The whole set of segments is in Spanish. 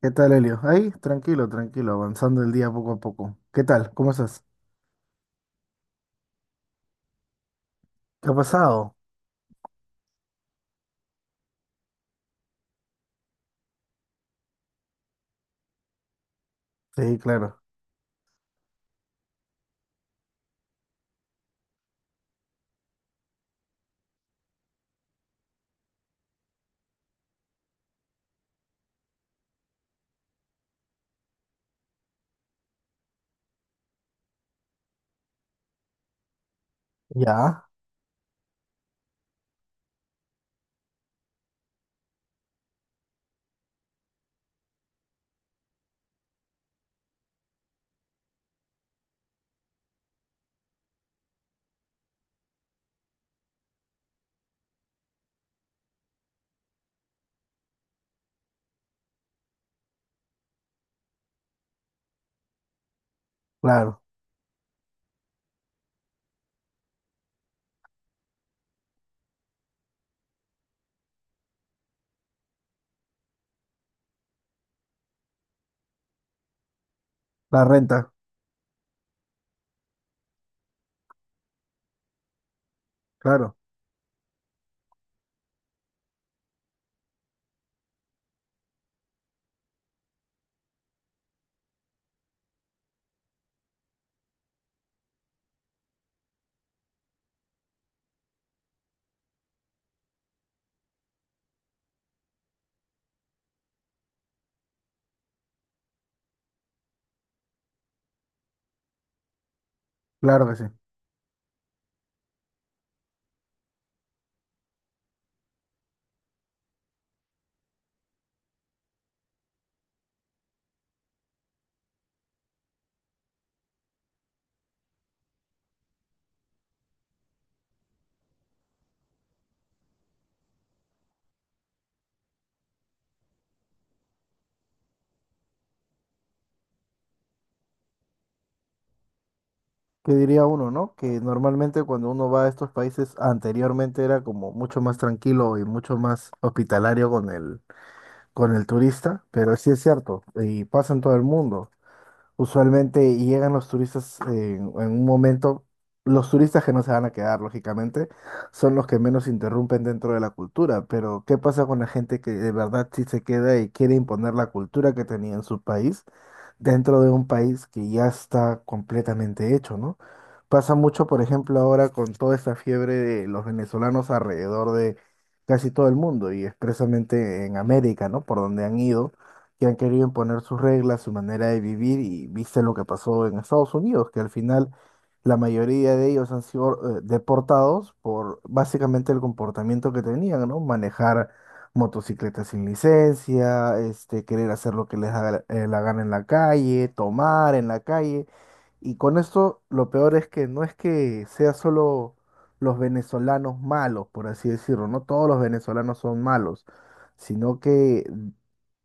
¿Qué tal, Helio? Ahí, tranquilo, tranquilo, avanzando el día poco a poco. ¿Qué tal? ¿Cómo estás? ¿Qué ha pasado? Sí, claro. Ya, claro. La renta, claro, claro que sí. ¿Qué diría uno, no? Que normalmente cuando uno va a estos países anteriormente era como mucho más tranquilo y mucho más hospitalario con el turista, pero sí es cierto, y pasa en todo el mundo. Usualmente llegan los turistas en un momento, los turistas que no se van a quedar, lógicamente, son los que menos interrumpen dentro de la cultura, pero ¿qué pasa con la gente que de verdad sí se queda y quiere imponer la cultura que tenía en su país dentro de un país que ya está completamente hecho, ¿no? Pasa mucho, por ejemplo, ahora con toda esta fiebre de los venezolanos alrededor de casi todo el mundo y expresamente en América, ¿no? Por donde han ido que han querido imponer sus reglas, su manera de vivir y viste lo que pasó en Estados Unidos, que al final la mayoría de ellos han sido deportados por básicamente el comportamiento que tenían, ¿no? Manejar motocicletas sin licencia, este, querer hacer lo que les da la la gana en la calle, tomar en la calle. Y con esto lo peor es que no es que sea solo los venezolanos malos, por así decirlo, no todos los venezolanos son malos, sino que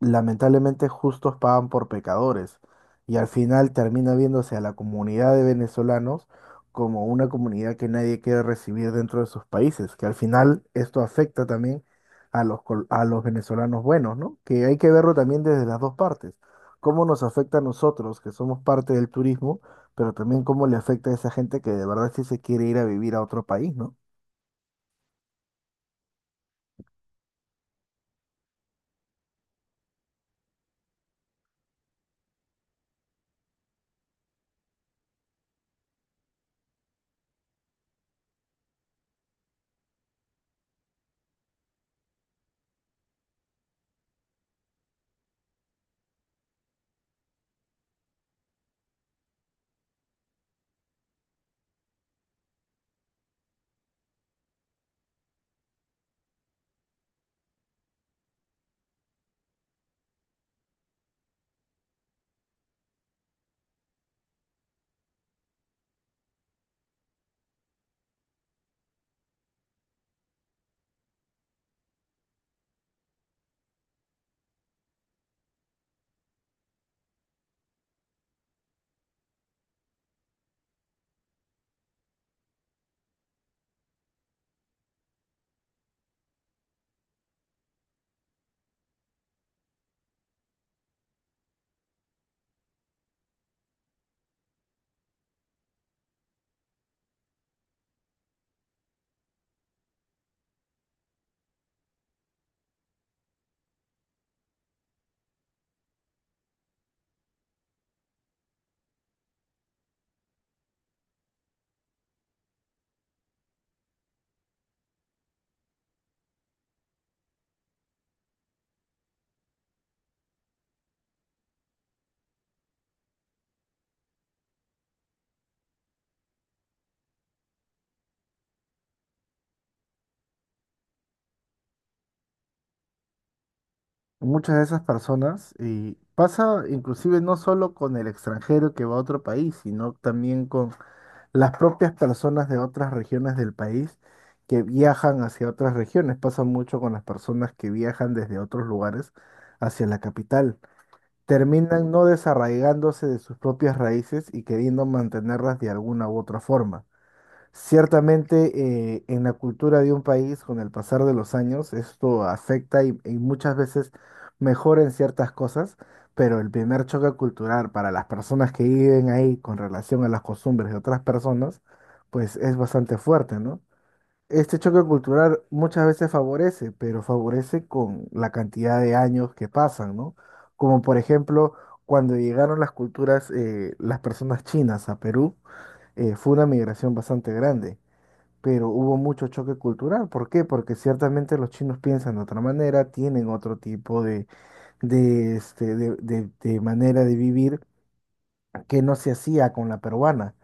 lamentablemente justos pagan por pecadores y al final termina viéndose a la comunidad de venezolanos como una comunidad que nadie quiere recibir dentro de sus países, que al final esto afecta también a los, a los venezolanos buenos, ¿no? Que hay que verlo también desde las dos partes, cómo nos afecta a nosotros, que somos parte del turismo, pero también cómo le afecta a esa gente que de verdad sí se quiere ir a vivir a otro país, ¿no? Muchas de esas personas y pasa inclusive no solo con el extranjero que va a otro país, sino también con las propias personas de otras regiones del país que viajan hacia otras regiones. Pasa mucho con las personas que viajan desde otros lugares hacia la capital. Terminan no desarraigándose de sus propias raíces y queriendo mantenerlas de alguna u otra forma. Ciertamente, en la cultura de un país, con el pasar de los años, esto afecta y muchas veces mejora en ciertas cosas, pero el primer choque cultural para las personas que viven ahí con relación a las costumbres de otras personas, pues es bastante fuerte, ¿no? Este choque cultural muchas veces favorece, pero favorece con la cantidad de años que pasan, ¿no? Como por ejemplo, cuando llegaron las culturas, las personas chinas a Perú, fue una migración bastante grande, pero hubo mucho choque cultural. ¿Por qué? Porque ciertamente los chinos piensan de otra manera, tienen otro tipo de, este, de manera de vivir que no se hacía con la peruana.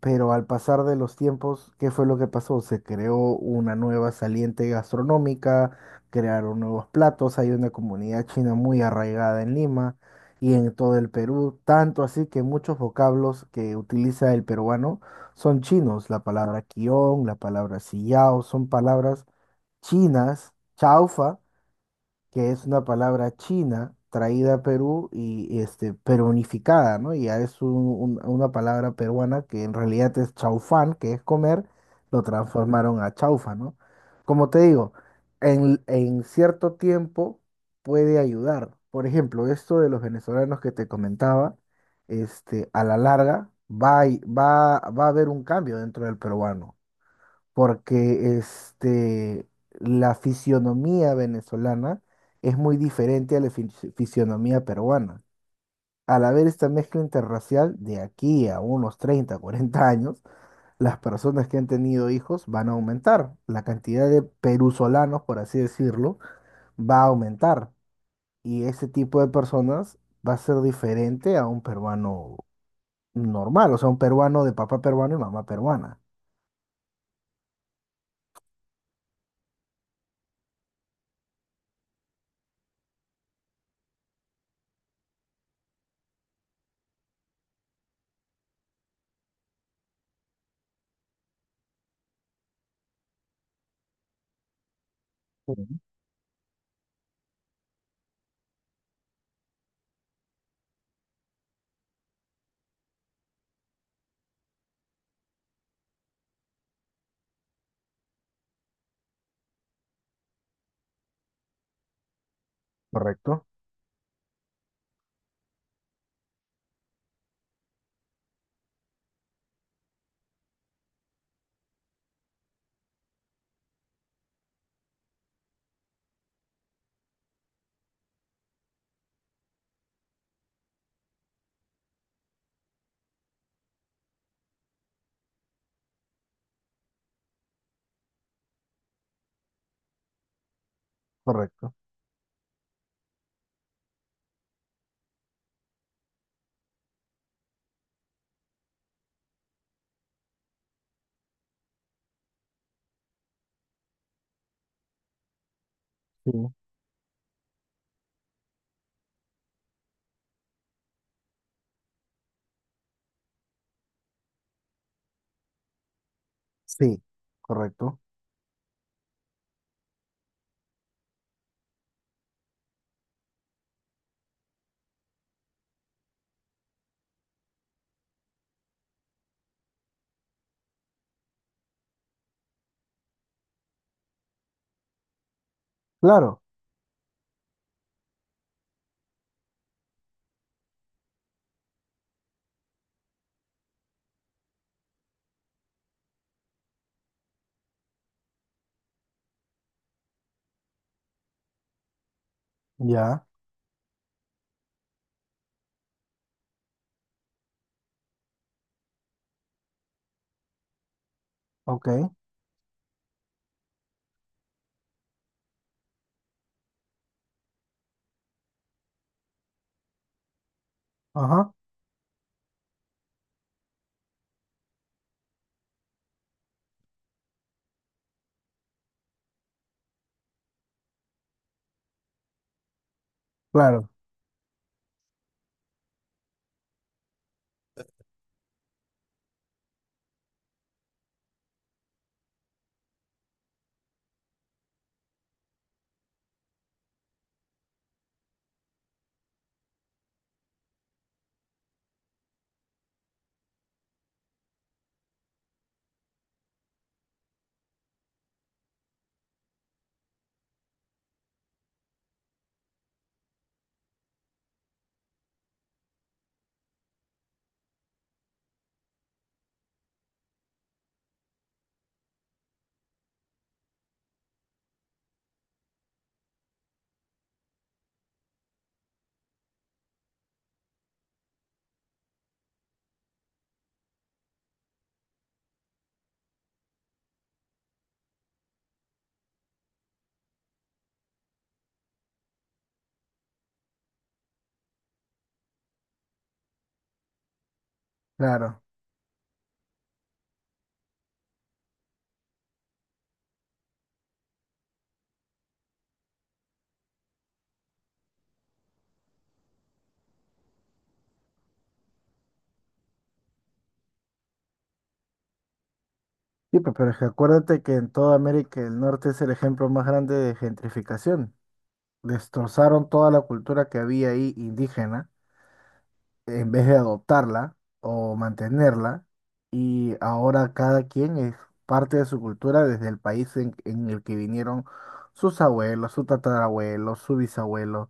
Pero al pasar de los tiempos, ¿qué fue lo que pasó? Se creó una nueva saliente gastronómica, crearon nuevos platos, hay una comunidad china muy arraigada en Lima y en todo el Perú, tanto así que muchos vocablos que utiliza el peruano son chinos. La palabra quión, la palabra sillao, son palabras chinas, chaufa que es una palabra china traída a Perú y este, perunificada, ¿no? Y ya es una palabra peruana que en realidad es chaufán, que es comer, lo transformaron a chaufa, ¿no? Como te digo, en cierto tiempo puede ayudar. Por ejemplo, esto de los venezolanos que te comentaba, este, a la larga va, va a haber un cambio dentro del peruano porque este, la fisionomía venezolana es muy diferente a la fisionomía peruana. Al haber esta mezcla interracial, de aquí a unos 30 40 años, las personas que han tenido hijos van a aumentar. La cantidad de perusolanos, por así decirlo, va a aumentar. Y ese tipo de personas va a ser diferente a un peruano normal, o sea, un peruano de papá peruano y mamá peruana. Sí. ¿Correcto? Correcto. Sí. Sí, correcto. Claro, ya, ok, ajá, claro, claro. Sí, pero es que acuérdate que en toda América del Norte es el ejemplo más grande de gentrificación. Destrozaron toda la cultura que había ahí indígena en vez de adoptarla o mantenerla, y ahora cada quien es parte de su cultura desde el país en el que vinieron sus abuelos, su tatarabuelo, su bisabuelo.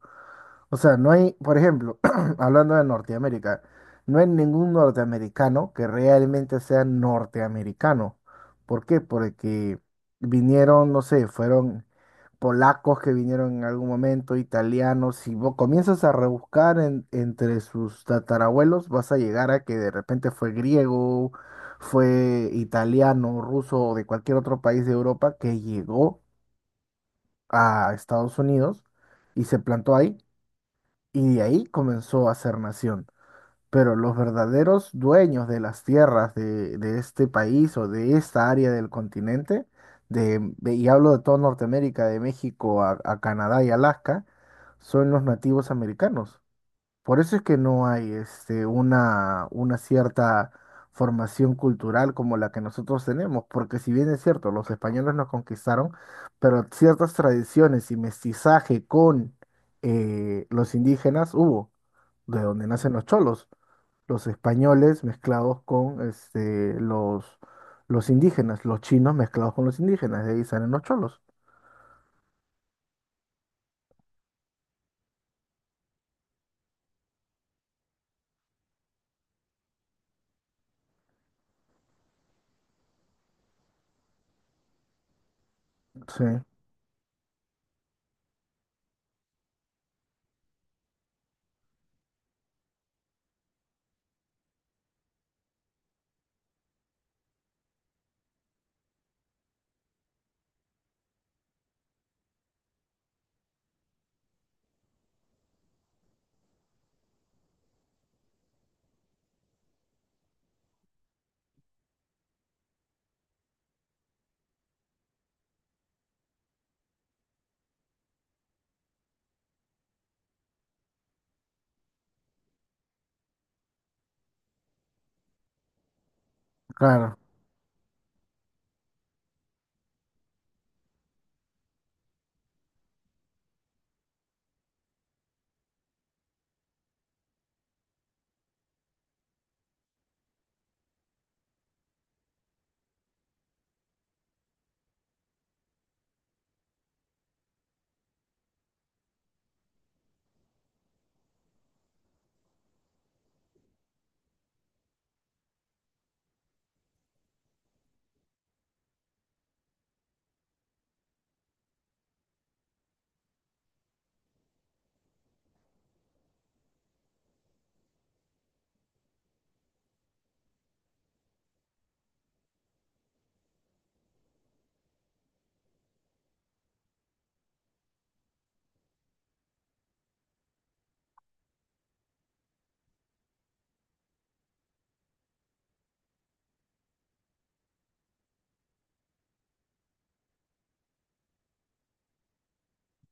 O sea, no hay, por ejemplo, hablando de Norteamérica, no hay ningún norteamericano que realmente sea norteamericano. ¿Por qué? Porque vinieron, no sé, fueron polacos que vinieron en algún momento, italianos, si vos comienzas a rebuscar entre sus tatarabuelos, vas a llegar a que de repente fue griego, fue italiano, ruso o de cualquier otro país de Europa que llegó a Estados Unidos y se plantó ahí y de ahí comenzó a ser nación. Pero los verdaderos dueños de las tierras de este país o de esta área del continente, y hablo de toda Norteamérica, de México a Canadá y Alaska, son los nativos americanos. Por eso es que no hay este, una cierta formación cultural como la que nosotros tenemos, porque si bien es cierto, los españoles nos conquistaron, pero ciertas tradiciones y mestizaje con los indígenas hubo, de donde nacen los cholos, los españoles mezclados con este, los indígenas, los chinos mezclados con los indígenas, de ahí salen los cholos. Sí, claro,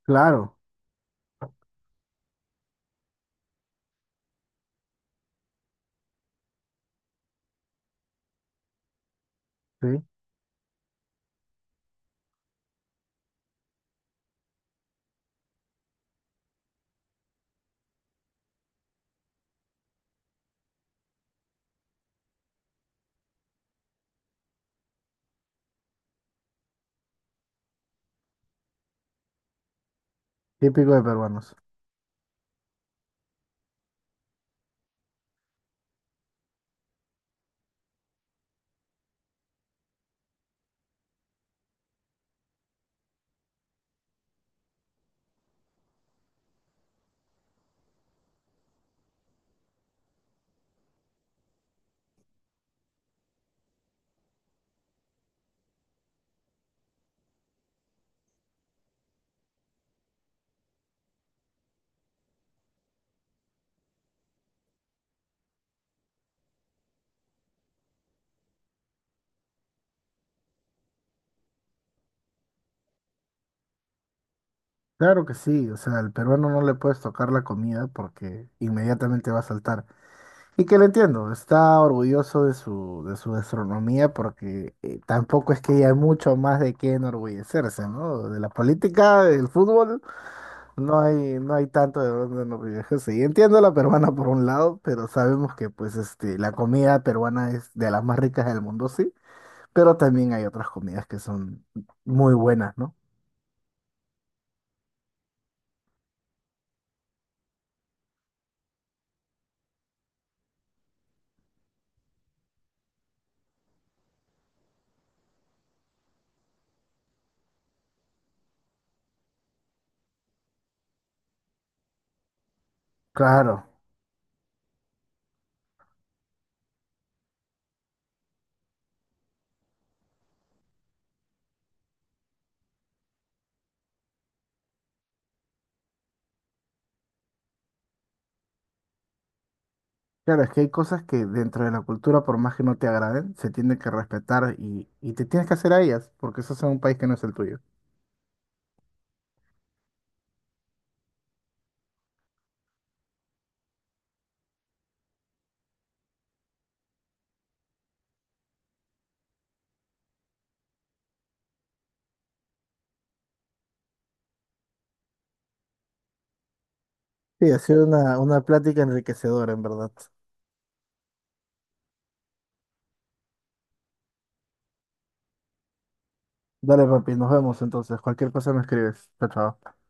claro, sí, típico de peruanos. Claro que sí, o sea, al peruano no le puedes tocar la comida porque inmediatamente va a saltar. Y que lo entiendo, está orgulloso de su gastronomía porque tampoco es que haya mucho más de qué enorgullecerse, ¿no? De la política, del fútbol. No hay, no hay tanto de dónde nos viajes. Sí, entiendo la peruana por un lado, pero sabemos que pues este, la comida peruana es de las más ricas del mundo, sí, pero también hay otras comidas que son muy buenas, ¿no? Claro, claro, es que hay cosas que dentro de la cultura, por más que no te agraden, se tienen que respetar y te tienes que hacer a ellas, porque estás en un país que no es el tuyo. Sí, ha sido una plática enriquecedora, en verdad. Dale, papi, nos vemos entonces. Cualquier cosa me escribes. Chao, chao.